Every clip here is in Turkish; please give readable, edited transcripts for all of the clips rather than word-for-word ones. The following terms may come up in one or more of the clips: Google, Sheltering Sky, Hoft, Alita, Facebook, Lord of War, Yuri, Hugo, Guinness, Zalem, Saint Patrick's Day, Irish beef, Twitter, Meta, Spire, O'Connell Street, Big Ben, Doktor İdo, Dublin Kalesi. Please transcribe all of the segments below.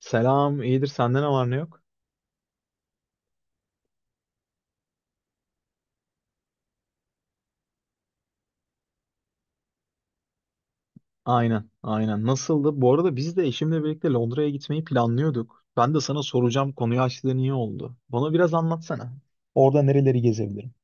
Selam, iyidir. Sende ne var ne yok? Aynen, aynen. Nasıldı? Bu arada biz de eşimle birlikte Londra'ya gitmeyi planlıyorduk. Ben de sana soracağım, konuyu açtığın iyi oldu. Bana biraz anlatsana. Orada nereleri gezebilirim?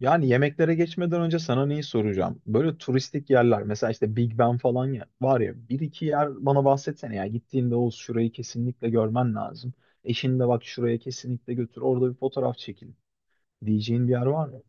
Yani yemeklere geçmeden önce sana neyi soracağım? Böyle turistik yerler, mesela işte Big Ben falan ya, var ya bir iki yer bana bahsetsene ya. Gittiğinde o şurayı kesinlikle görmen lazım. Eşini de bak şuraya kesinlikle götür, orada bir fotoğraf çekin diyeceğin bir yer var mı?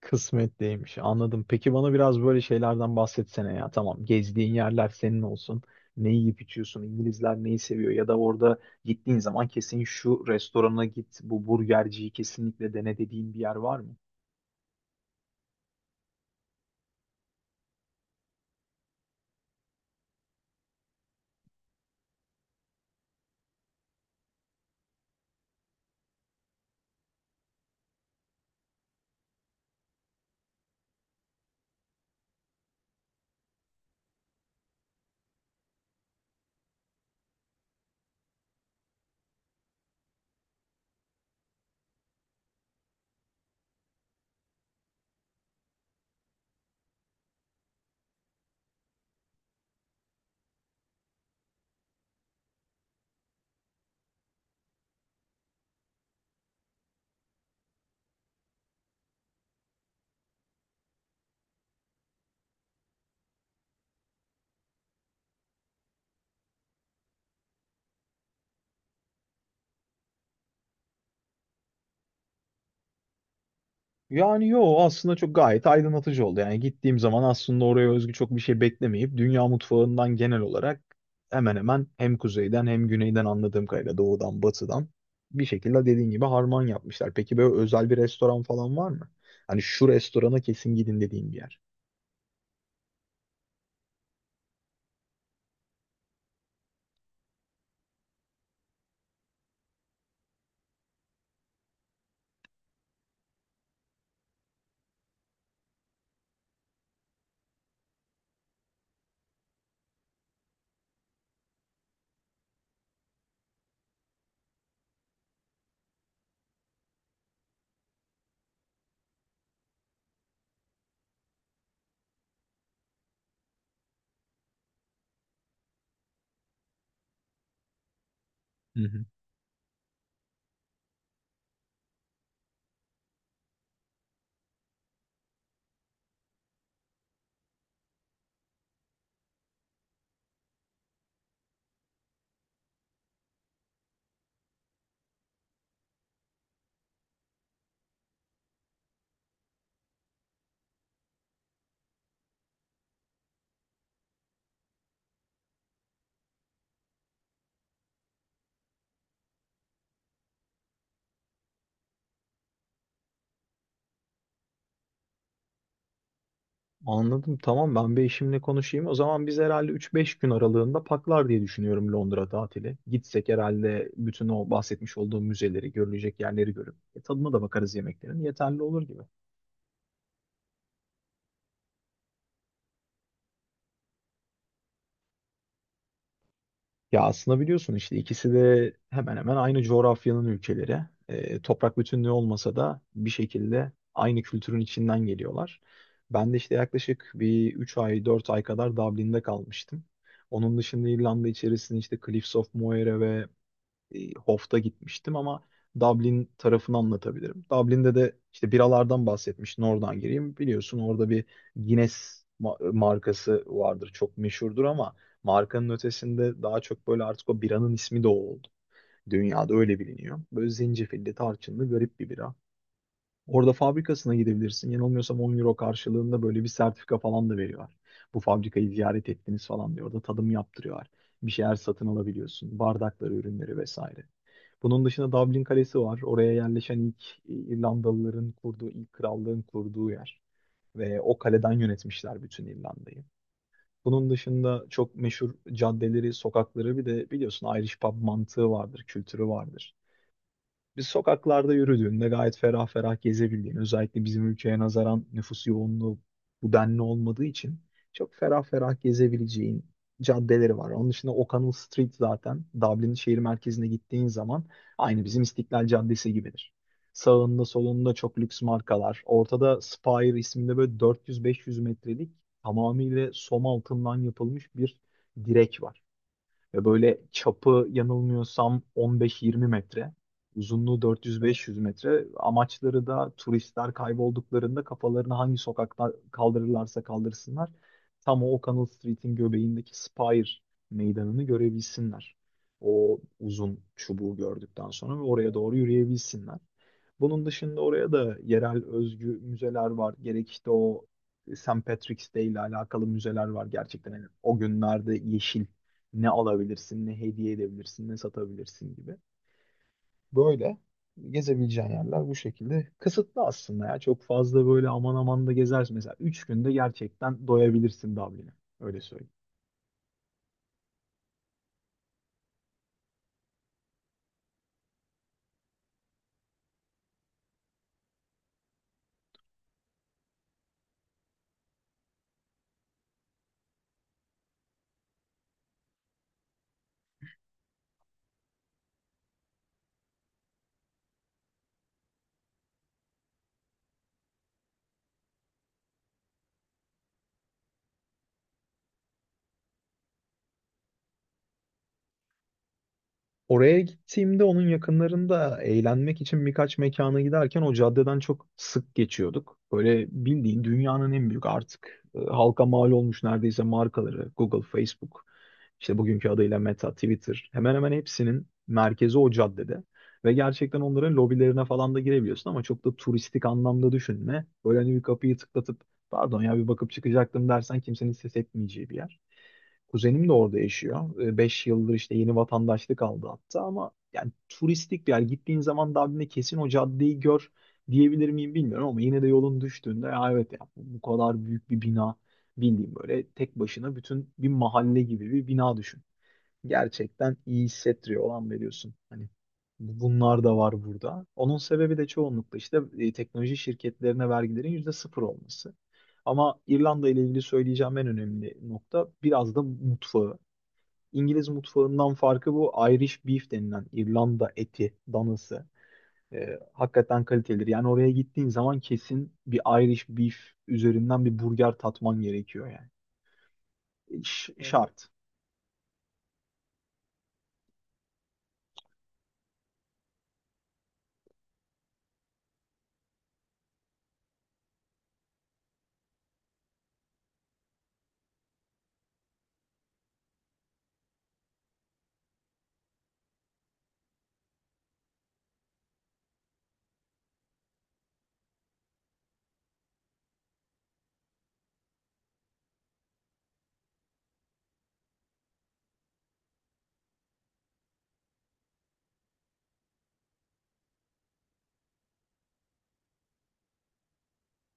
Kısmetliymiş. Anladım. Peki bana biraz böyle şeylerden bahsetsene ya. Tamam, gezdiğin yerler senin olsun. Ne yiyip içiyorsun? İngilizler neyi seviyor? Ya da orada gittiğin zaman kesin şu restorana git, bu burgerciyi kesinlikle dene dediğin bir yer var mı? Yani yo aslında çok gayet aydınlatıcı oldu. Yani gittiğim zaman aslında oraya özgü çok bir şey beklemeyip dünya mutfağından genel olarak hemen hemen hem kuzeyden hem güneyden anladığım kadarıyla doğudan batıdan bir şekilde dediğin gibi harman yapmışlar. Peki böyle özel bir restoran falan var mı? Hani şu restorana kesin gidin dediğin bir yer. Hı hı. Anladım. Tamam ben bir eşimle konuşayım. O zaman biz herhalde 3-5 gün aralığında paklar diye düşünüyorum Londra tatili. Gitsek herhalde bütün o bahsetmiş olduğum müzeleri, görülecek yerleri görüp tadına da bakarız yemeklerin. Yeterli olur gibi. Ya aslında biliyorsun işte ikisi de hemen hemen aynı coğrafyanın ülkeleri. Toprak bütünlüğü olmasa da bir şekilde aynı kültürün içinden geliyorlar. Ben de işte yaklaşık bir 3 ay 4 ay kadar Dublin'de kalmıştım. Onun dışında İrlanda içerisinde işte Cliffs of Moher'e ve Hoft'a gitmiştim ama Dublin tarafını anlatabilirim. Dublin'de de işte biralardan bahsetmiştin oradan gireyim. Biliyorsun orada bir Guinness markası vardır çok meşhurdur ama markanın ötesinde daha çok böyle artık o biranın ismi de o oldu. Dünyada öyle biliniyor. Böyle zencefilli, tarçınlı garip bir bira. Orada fabrikasına gidebilirsin. Yanılmıyorsam 10 euro karşılığında böyle bir sertifika falan da veriyorlar. Bu fabrikayı ziyaret ettiniz falan diyor. Orada tadım yaptırıyorlar. Bir şeyler satın alabiliyorsun. Bardakları, ürünleri vesaire. Bunun dışında Dublin Kalesi var. Oraya yerleşen ilk İrlandalıların kurduğu, ilk krallığın kurduğu yer. Ve o kaleden yönetmişler bütün İrlanda'yı. Bunun dışında çok meşhur caddeleri, sokakları bir de biliyorsun Irish pub mantığı vardır, kültürü vardır. Biz sokaklarda yürüdüğünde gayet ferah ferah gezebildiğin, özellikle bizim ülkeye nazaran nüfus yoğunluğu bu denli olmadığı için çok ferah ferah gezebileceğin caddeleri var. Onun dışında O'Connell Street zaten Dublin'in şehir merkezine gittiğin zaman aynı bizim İstiklal Caddesi gibidir. Sağında solunda çok lüks markalar. Ortada Spire isminde böyle 400-500 metrelik tamamıyla som altından yapılmış bir direk var. Ve böyle çapı yanılmıyorsam 15-20 metre, uzunluğu 400-500 metre. Amaçları da turistler kaybolduklarında kafalarını hangi sokakta kaldırırlarsa kaldırsınlar. Tam o O'Connell Street'in göbeğindeki Spire meydanını görebilsinler. O uzun çubuğu gördükten sonra ve oraya doğru yürüyebilsinler. Bunun dışında oraya da yerel özgü müzeler var. Gerek işte o Saint Patrick's Day ile alakalı müzeler var gerçekten. Yani o günlerde yeşil ne alabilirsin, ne hediye edebilirsin, ne satabilirsin gibi. Böyle gezebileceğin yerler bu şekilde. Kısıtlı aslında ya. Çok fazla böyle aman aman da gezersin. Mesela 3 günde gerçekten doyabilirsin Dublin'e. Öyle söyleyeyim. Oraya gittiğimde onun yakınlarında eğlenmek için birkaç mekana giderken o caddeden çok sık geçiyorduk. Böyle bildiğin dünyanın en büyük artık halka mal olmuş neredeyse markaları Google, Facebook, işte bugünkü adıyla Meta, Twitter hemen hemen hepsinin merkezi o caddede. Ve gerçekten onların lobilerine falan da girebiliyorsun ama çok da turistik anlamda düşünme. Böyle hani bir kapıyı tıklatıp pardon ya bir bakıp çıkacaktım dersen kimsenin ses etmeyeceği bir yer. Kuzenim de orada yaşıyor. 5 yıldır işte yeni vatandaşlık aldı hatta ama yani turistik bir yer. Gittiğin zaman Dublin'de kesin o caddeyi gör diyebilir miyim bilmiyorum ama yine de yolun düştüğünde ya evet ya bu kadar büyük bir bina bildiğim böyle tek başına bütün bir mahalle gibi bir bina düşün gerçekten iyi hissettiriyor. Olan veriyorsun. Hani bunlar da var burada. Onun sebebi de çoğunlukla işte teknoloji şirketlerine vergilerin yüzde sıfır olması. Ama İrlanda ile ilgili söyleyeceğim en önemli nokta biraz da mutfağı. İngiliz mutfağından farkı bu Irish beef denilen İrlanda eti, danası. Hakikaten kalitelidir. Yani oraya gittiğin zaman kesin bir Irish beef üzerinden bir burger tatman gerekiyor yani. Evet. Şart.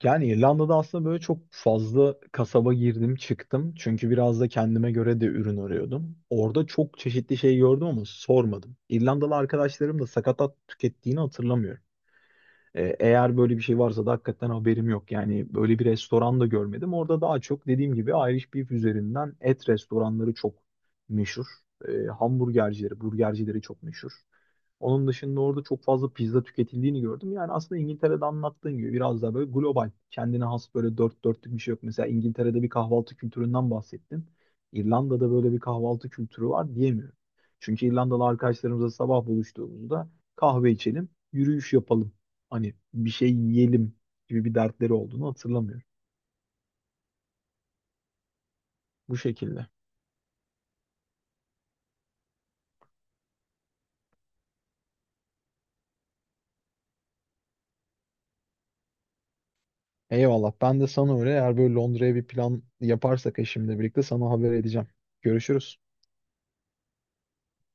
Yani İrlanda'da aslında böyle çok fazla kasaba girdim çıktım. Çünkü biraz da kendime göre de ürün arıyordum. Orada çok çeşitli şey gördüm ama sormadım. İrlandalı arkadaşlarım da sakatat tükettiğini hatırlamıyorum. Eğer böyle bir şey varsa da hakikaten haberim yok. Yani böyle bir restoran da görmedim. Orada daha çok dediğim gibi Irish Beef üzerinden et restoranları çok meşhur. Hamburgercileri, burgercileri çok meşhur. Onun dışında orada çok fazla pizza tüketildiğini gördüm. Yani aslında İngiltere'de anlattığın gibi biraz daha böyle global, kendine has böyle dört dörtlük bir şey yok. Mesela İngiltere'de bir kahvaltı kültüründen bahsettin. İrlanda'da böyle bir kahvaltı kültürü var diyemiyorum. Çünkü İrlandalı arkadaşlarımızla sabah buluştuğumuzda kahve içelim, yürüyüş yapalım hani bir şey yiyelim gibi bir dertleri olduğunu hatırlamıyorum. Bu şekilde. Eyvallah. Ben de sana öyle eğer böyle Londra'ya bir plan yaparsak eşimle birlikte sana haber edeceğim. Görüşürüz.